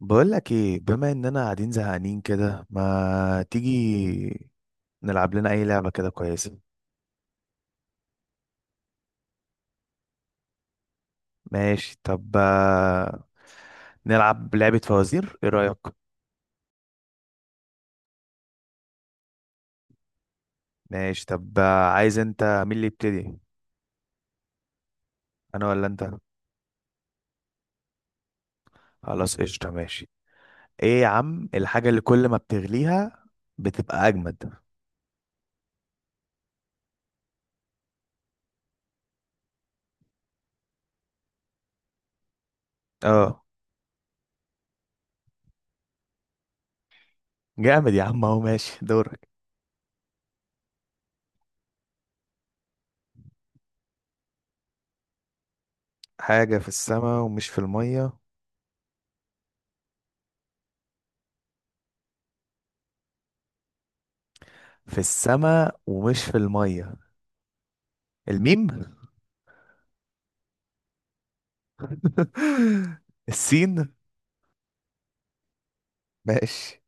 بقول لك ايه، بما اننا قاعدين زهقانين كده، ما تيجي نلعب لنا اي لعبة كده كويسة؟ ماشي طب، نلعب لعبة فوازير، ايه رأيك؟ ماشي طب، عايز انت مين اللي يبتدي، انا ولا انت؟ خلاص قشطة، ماشي. ايه يا عم الحاجة اللي كل ما بتغليها بتبقى اجمد؟ اه. جامد يا عم، اهو ماشي دورك. حاجة في السماء ومش في المية. في السماء ومش في المية، الميم؟ السين. ماشي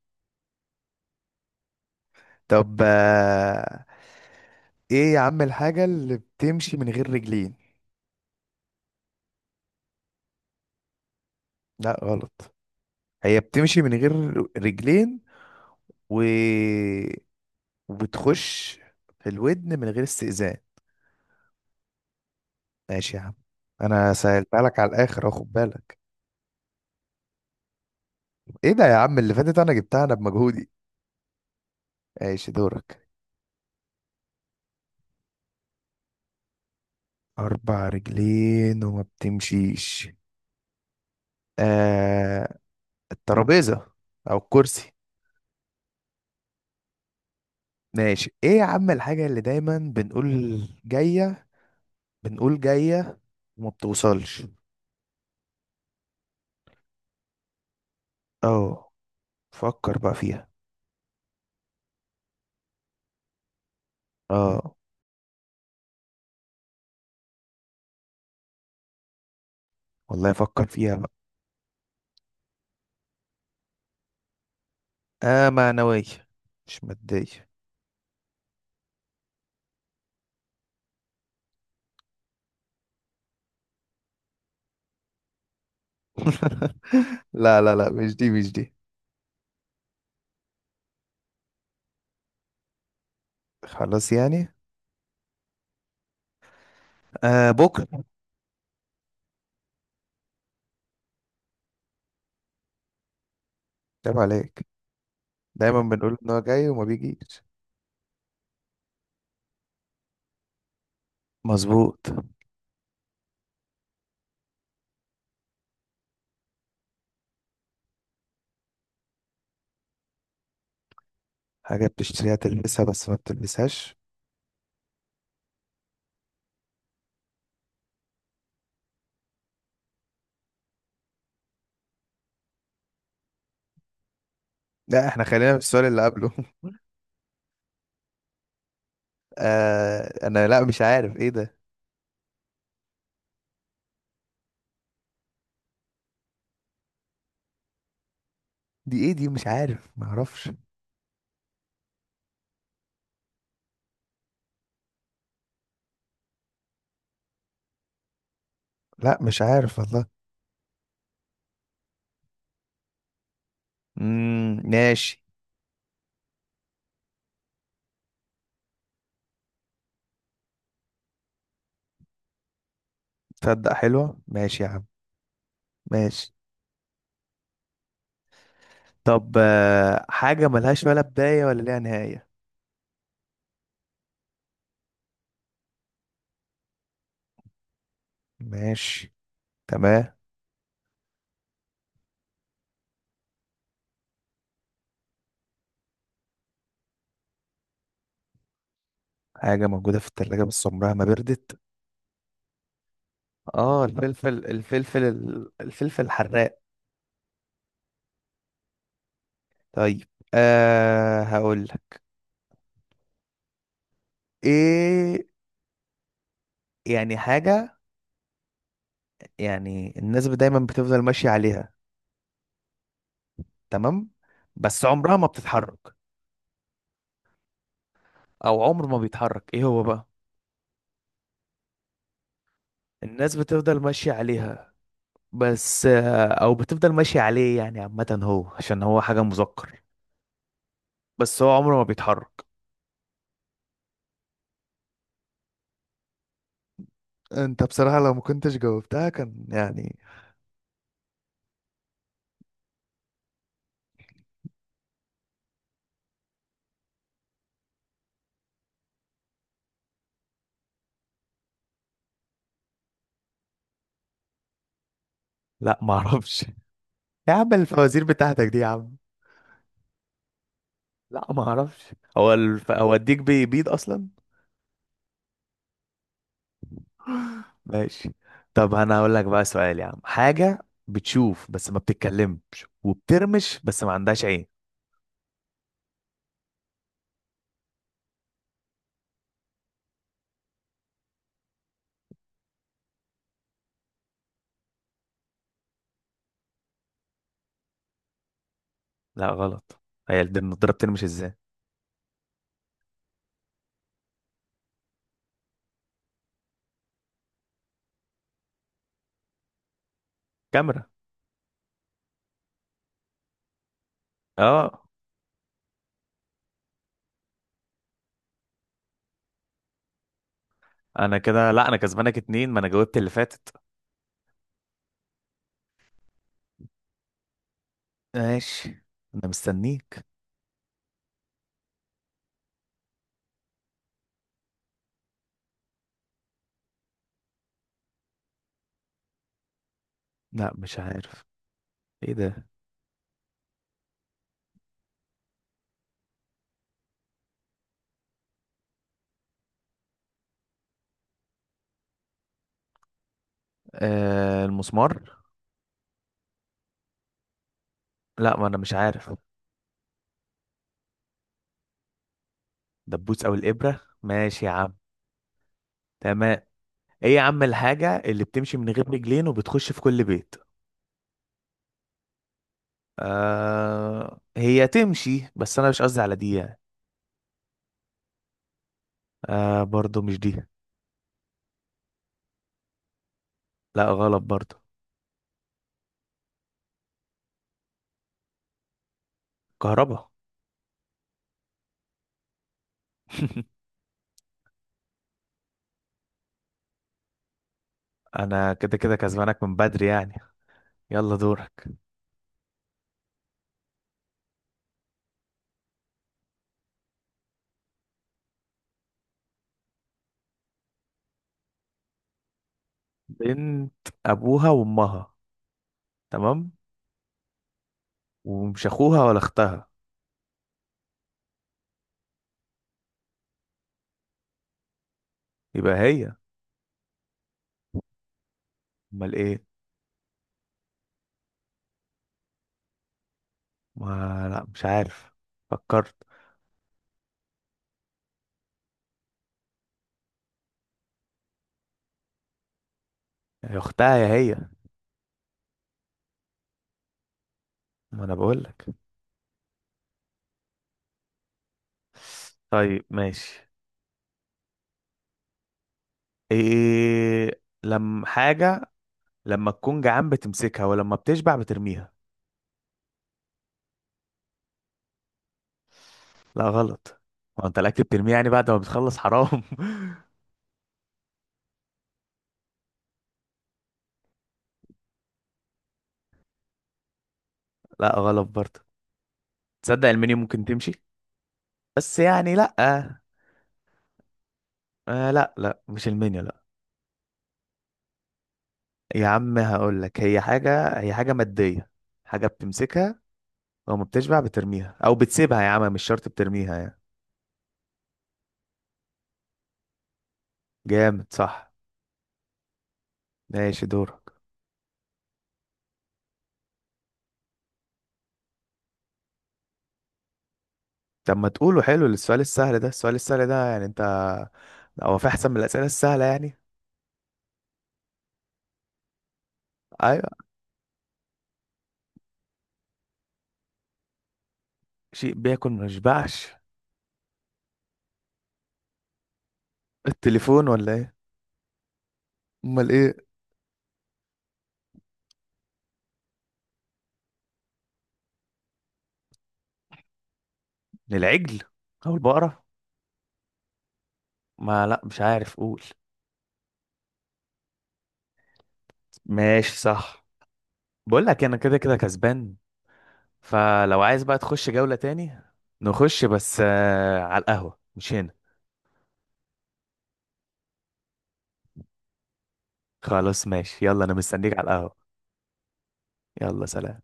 طب، ايه يا عم الحاجة اللي بتمشي من غير رجلين؟ لا غلط. هي بتمشي من غير رجلين و... وبتخش في الودن من غير استئذان. ماشي يا عم، انا سألتها لك على الاخر اهو، خد بالك. ايه ده يا عم، اللي فاتت انا جبتها، انا بمجهودي. ماشي، دورك. اربع رجلين وما بتمشيش. آه... الترابيزة، او الكرسي. ماشي. ايه يا عم الحاجة اللي دايما بنقول جاية، بنقول جاية وما بتوصلش؟ اه، فكر بقى فيها. اه والله، فكر فيها بقى. اه، معنوية مش مادية. لا لا لا، مش دي مش دي. خلاص يعني. آه، بكرة. عيب عليك، دايما بنقول ان هو جاي وما بيجيش. مظبوط. حاجة بتشتريها تلبسها بس ما بتلبسهاش. لا، احنا خلينا في السؤال اللي قبله. انا، لا مش عارف ايه ده. دي ايه دي؟ مش عارف، ما اعرفش. لا مش عارف والله. ماشي. تصدق حلوة، ماشي يا عم. ماشي طب، حاجة ملهاش ولا بداية ولا ليها نهاية. ماشي، تمام. حاجة موجودة في التلاجة بس عمرها ما بردت. اه، الفلفل، الفلفل، الفلفل الحراق. طيب، هقول لك ايه. يعني حاجة، يعني الناس دايما بتفضل ماشية عليها، تمام؟ بس عمرها ما بتتحرك، او عمر ما بيتحرك، ايه هو بقى؟ الناس بتفضل ماشية عليها بس، او بتفضل ماشي عليه، يعني عامة هو عشان هو حاجة مذكر. بس هو عمره ما بيتحرك. انت بصراحة لو ما كنتش جاوبتها كان يعني. لا ما اعرفش يا عم، الفوازير بتاعتك دي يا عم! لا ما اعرفش، هو الديك بيبيض اصلا؟ ماشي طب، انا هقول لك بقى سؤال يا عم. حاجة بتشوف بس ما بتتكلمش، وبترمش بس ما عندهاش عين. لا غلط، هي النضاره بترمش ازاي؟ كاميرا. اه. انا كده، لا، انا كسبانك اتنين، ما انا جاوبت اللي فاتت. ماشي، انا مستنيك. لا مش عارف، ايه ده؟ آه، المسمار. لا، ما انا مش عارف. دبوس او الابره، ماشي يا عم. تمام. ايه يا عم الحاجه اللي بتمشي من غير رجلين وبتخش في كل بيت؟ آه، هي تمشي بس انا مش قصدي على دي يعني. آه، برضو مش دي. لا غلط برضو. كهربا. انا كده كده كسبانك من بدري يعني. يلا دورك. بنت ابوها وامها، تمام، ومش اخوها ولا اختها. يبقى هي، امال ايه؟ ما لا مش عارف، فكرت. يا اختها يا هي. ما انا بقول لك. طيب ماشي. ايه لما حاجة، لما تكون جعان بتمسكها ولما بتشبع بترميها؟ لا غلط. هو انت الاكل بترميه يعني بعد ما بتخلص؟ حرام. لا غلط برضه. تصدق المنيو ممكن تمشي بس يعني لا، لا لا مش المنيو لا. يا عم هقول لك. هي حاجة مادية، حاجة بتمسكها، وما بتشبع بترميها او بتسيبها يا عم، مش شرط بترميها يعني. جامد صح. ماشي، دورك. طب ما تقوله حلو السؤال السهل ده، السؤال السهل ده يعني انت، هو في احسن من الاسئله السهله يعني؟ ايوه. شيء بياكل ما يشبعش؟ التليفون ولا ايه؟ امال ايه؟ العجل، او البقره. ما لا مش عارف، قول. ماشي صح. بقول لك انا كده كده كسبان، فلو عايز بقى تخش جوله تاني. نخش، بس على القهوه مش هنا. خلاص ماشي، يلا انا مستنيك على القهوه. يلا سلام.